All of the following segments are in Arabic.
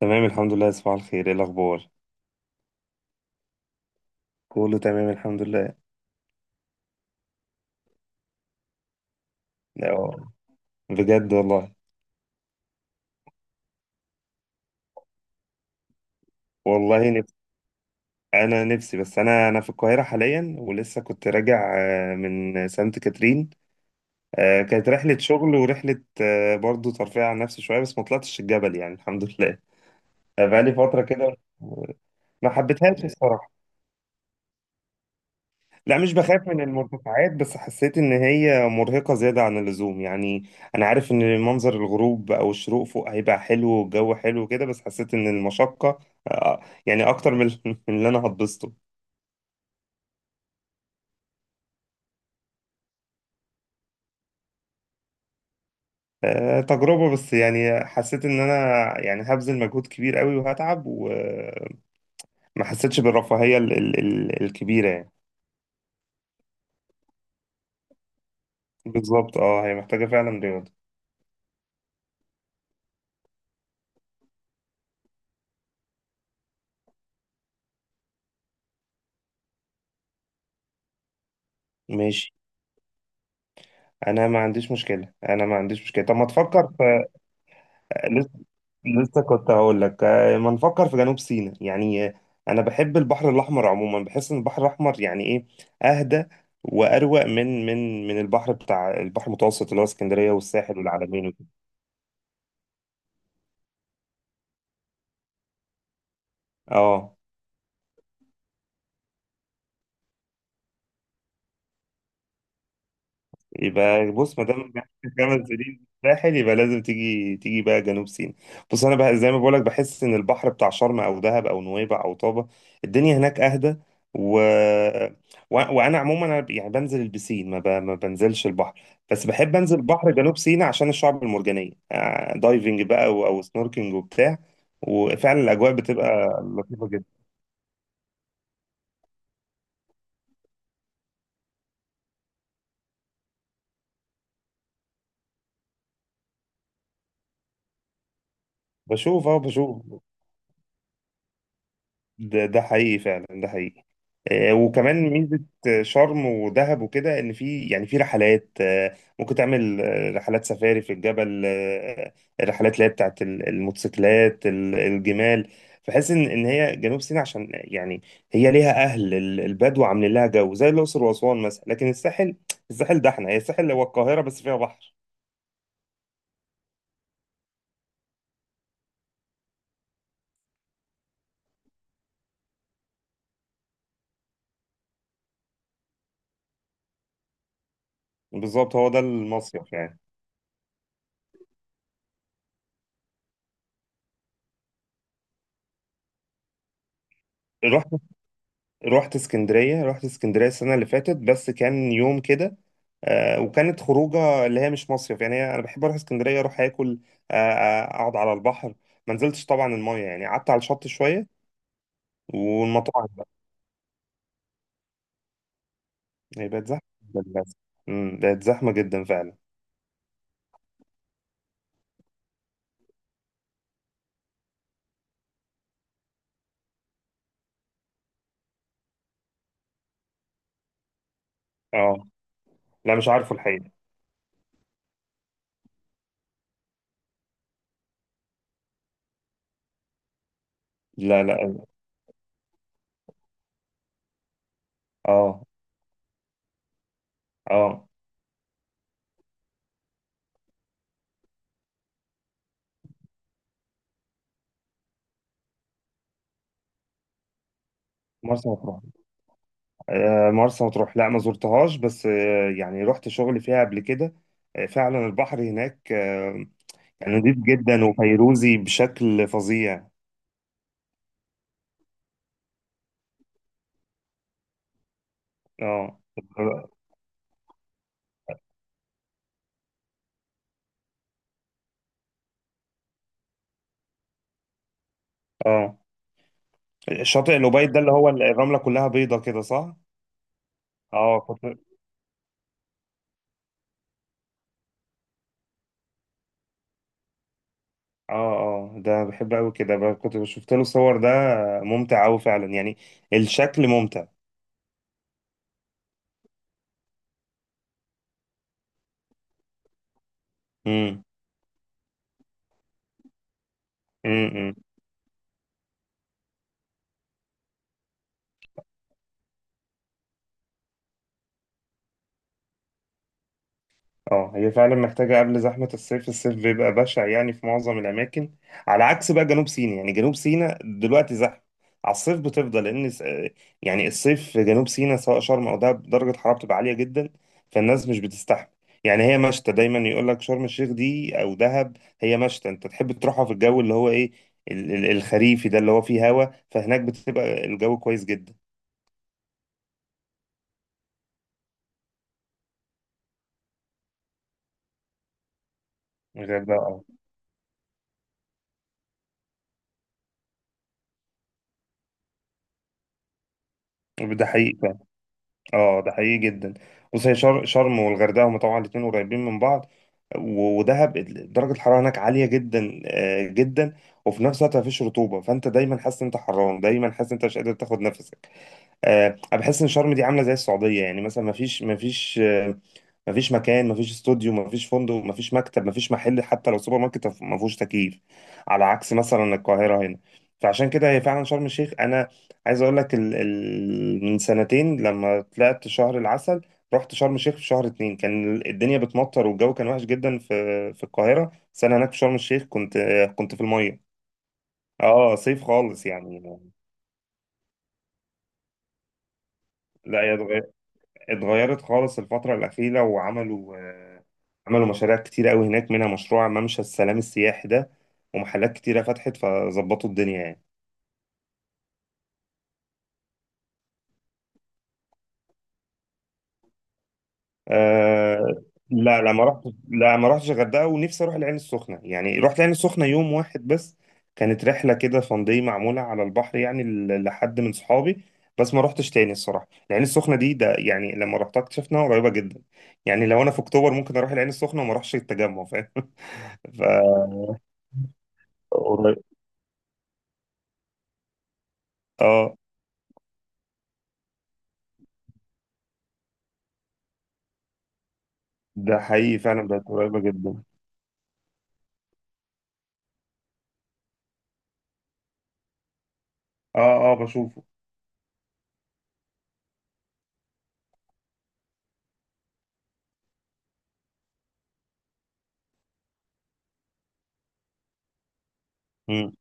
تمام الحمد لله، صباح الخير، ايه الاخبار؟ كله تمام الحمد لله. اه، بجد والله. والله نفسي، انا نفسي، بس انا في القاهره حاليا، ولسه كنت راجع من سانت كاترين. كانت رحله شغل ورحله برضو ترفيه عن نفسي شويه، بس ما طلعتش الجبل يعني، الحمد لله. بقالي فتره كده. آه، ما حبيتهاش الصراحه. لا، مش بخاف من المرتفعات، بس حسيت ان هي مرهقة زيادة عن اللزوم يعني. انا عارف ان منظر الغروب او الشروق فوق هيبقى حلو، والجو حلو كده، بس حسيت ان المشقة يعني اكتر من من اللي انا هتبسطه. تجربة، بس يعني حسيت ان انا يعني هبذل مجهود كبير قوي وهتعب، وما حسيتش بالرفاهية الكبيرة يعني. بالظبط اه، هي محتاجة فعلا رياضة. ماشي، انا ما عنديش مشكلة، طب ما تفكر. لسه لسه كنت هقول لك، ما نفكر في جنوب سيناء يعني. انا بحب البحر الاحمر عموما، بحس ان البحر الاحمر يعني ايه، اهدى واروق من البحر بتاع البحر المتوسط اللي هو اسكندريه والساحل والعلمين وكده. اه، يبقى بص، ما دام قعدت 5 سنين في الساحل يبقى لازم تيجي بقى جنوب سيناء. بص انا بقى زي ما بقولك، بحس ان البحر بتاع شرم او دهب او نويبع او طابة، الدنيا هناك اهدى و... و... وانا عموما، يعني بنزل البسين، ما بنزلش البحر، بس بحب انزل بحر جنوب سيناء عشان الشعب المرجانية، دايفنج بقى أو سنوركينج وبتاع. وفعلا الاجواء بتبقى لطيفة جدا. بشوف، اه، بشوف. ده حقيقي فعلا، ده حقيقي. وكمان ميزة شرم ودهب وكده إن في، يعني في رحلات، ممكن تعمل رحلات سفاري في الجبل، الرحلات اللي هي بتاعت الموتوسيكلات، الجمال. فحس إن هي جنوب سيناء عشان يعني هي ليها أهل البدو عاملين لها جو زي الأقصر وأسوان مثلا. لكن الساحل، الساحل ده إحنا، هي الساحل هو القاهرة بس فيها بحر. بالظبط، هو ده المصيف يعني. رحت اسكندرية السنة اللي فاتت، بس كان يوم كده. وكانت خروجة اللي هي مش مصيف يعني. أنا بحب أروح اسكندرية، أروح آكل، أقعد على البحر، ما نزلتش طبعا المية يعني، قعدت على الشط شوية. والمطاعم بقى هي بقت زحمة جدا للأسف. بقت زحمة جدا فعلا. اه. لا، مش عارفه الحقيقة. لا لا. اه اه، مرسى مطروح. مرسى مطروح لا، ما زرتهاش، بس يعني رحت شغلي فيها قبل كده. فعلا البحر هناك نضيف جدا وفيروزي بشكل فظيع. اه اه. شاطئ الأوبايد ده اللي هو الرملة كلها بيضة كده، صح؟ اه، كنت، اه اه، ده بحب قوي كده، كنت شفت له صور. ده ممتع قوي فعلا يعني، الشكل ممتع. امم، إمم، إمم. اه، هي فعلا محتاجة قبل زحمة الصيف. الصيف بيبقى بشع يعني في معظم الأماكن، على عكس بقى جنوب سيناء. يعني جنوب سيناء دلوقتي زحمة على الصيف بتفضل، لأن يعني الصيف في جنوب سيناء سواء شرم أو دهب درجة حرارة بتبقى عالية جدا، فالناس مش بتستحمل. يعني هي مشتى، دايما يقول لك شرم الشيخ دي أو دهب هي مشتى، أنت تحب تروحها في الجو اللي هو إيه، الخريفي ده اللي هو فيه هوا، فهناك بتبقى الجو كويس جدا. غير ده اه، ده حقيقي، اه، ده حقيقي جدا. بص هي شرم والغردقه هما طبعا الاتنين قريبين من بعض، ودهب درجه الحراره هناك عاليه جدا جدا. وفي نفس الوقت مفيش رطوبه، فانت دايما حاسس ان انت حران، دايما حاسس ان انت مش قادر تاخد نفسك. انا بحس ان شرم دي عامله زي السعوديه، يعني مثلا ما فيش مكان، ما فيش استوديو، ما فيش فندق، ما فيش مكتب، ما فيش محل، حتى لو سوبر ماركت ما فيهوش تكييف، على عكس مثلا القاهره هنا. فعشان كده هي فعلا شرم الشيخ، انا عايز اقول لك من سنتين لما طلعت شهر العسل رحت شرم الشيخ في شهر اتنين، كان الدنيا بتمطر والجو كان وحش جدا في القاهره، بس انا هناك في شرم الشيخ كنت، كنت في الميه. اه، صيف خالص يعني. لا، اتغيرت خالص الفترة الأخيرة، وعملوا، عملوا مشاريع كتيرة قوي هناك، منها مشروع ممشى السلام السياحي ده، ومحلات كتيرة فتحت، فظبطوا الدنيا يعني. أه. لا لا، ما رحت. لا، ما رحتش الغردقة، ونفسي أروح العين السخنة. يعني رحت العين السخنة يوم واحد بس، كانت رحلة كده فن داي معمولة على البحر، يعني لحد من صحابي. بس ما رحتش تاني الصراحة. العين السخنة دي ده يعني لما رحتها اكتشفنا قريبة جدا. يعني لو أنا في أكتوبر ممكن أروح العين السخنة وما أروحش التجمع، فاهم؟ ف قريب. اه، ده حقيقي فعلا بقت قريبة جدا. اه اه، بشوفه. مم.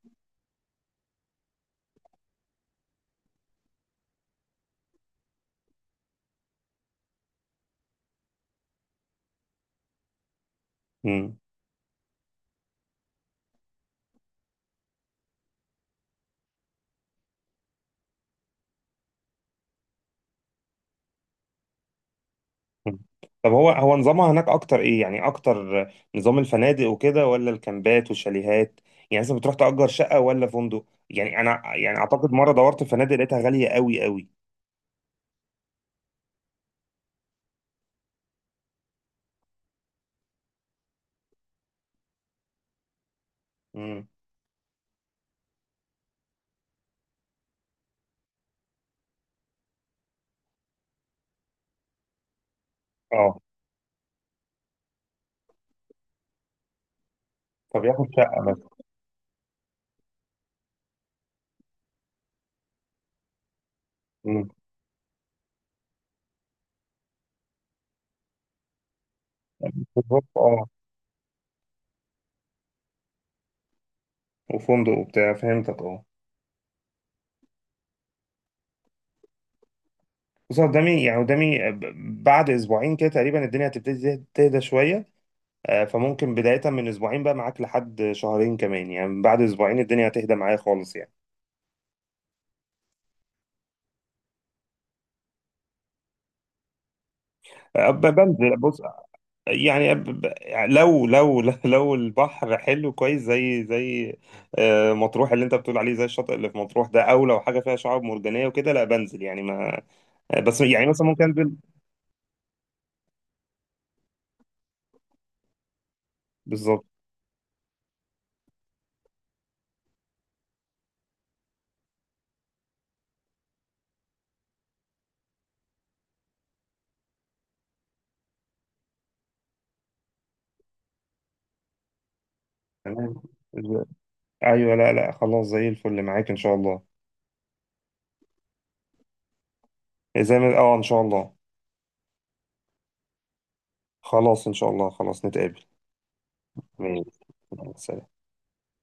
مم. مم. طب هو نظامها هناك اكتر ايه؟ يعني اكتر نظام الفنادق وكده ولا الكامبات والشاليهات، يعني مثلا بتروح تأجر شقة ولا فندق؟ يعني انا يعني اعتقد مرة دورت في فنادق لقيتها غالية قوي قوي. مم. اه، فبياخد شقة بس. مم. بالظبط اه. وفندق وبتاع فهمتك، اه. بص قدامي، يعني قدامي بعد اسبوعين كده تقريبا الدنيا هتبتدي تهدى شوية. فممكن بداية من أسبوعين بقى معاك لحد شهرين كمان، يعني من بعد أسبوعين الدنيا هتهدى معايا خالص يعني. بنزل بص، يعني لو لو لو البحر حلو كويس زي مطروح اللي أنت بتقول عليه، زي الشاطئ اللي في مطروح ده، أو لو حاجة فيها شعاب مرجانية وكده لا بنزل، يعني ما، بس يعني مثلا ممكن أنزل. بالظبط، تمام. أيوه، لا لا خلاص، زي الفل معاك إن شاء الله. زي ما، أه، إن شاء الله. خلاص إن شاء الله، خلاص نتقابل. ماشي، سلام.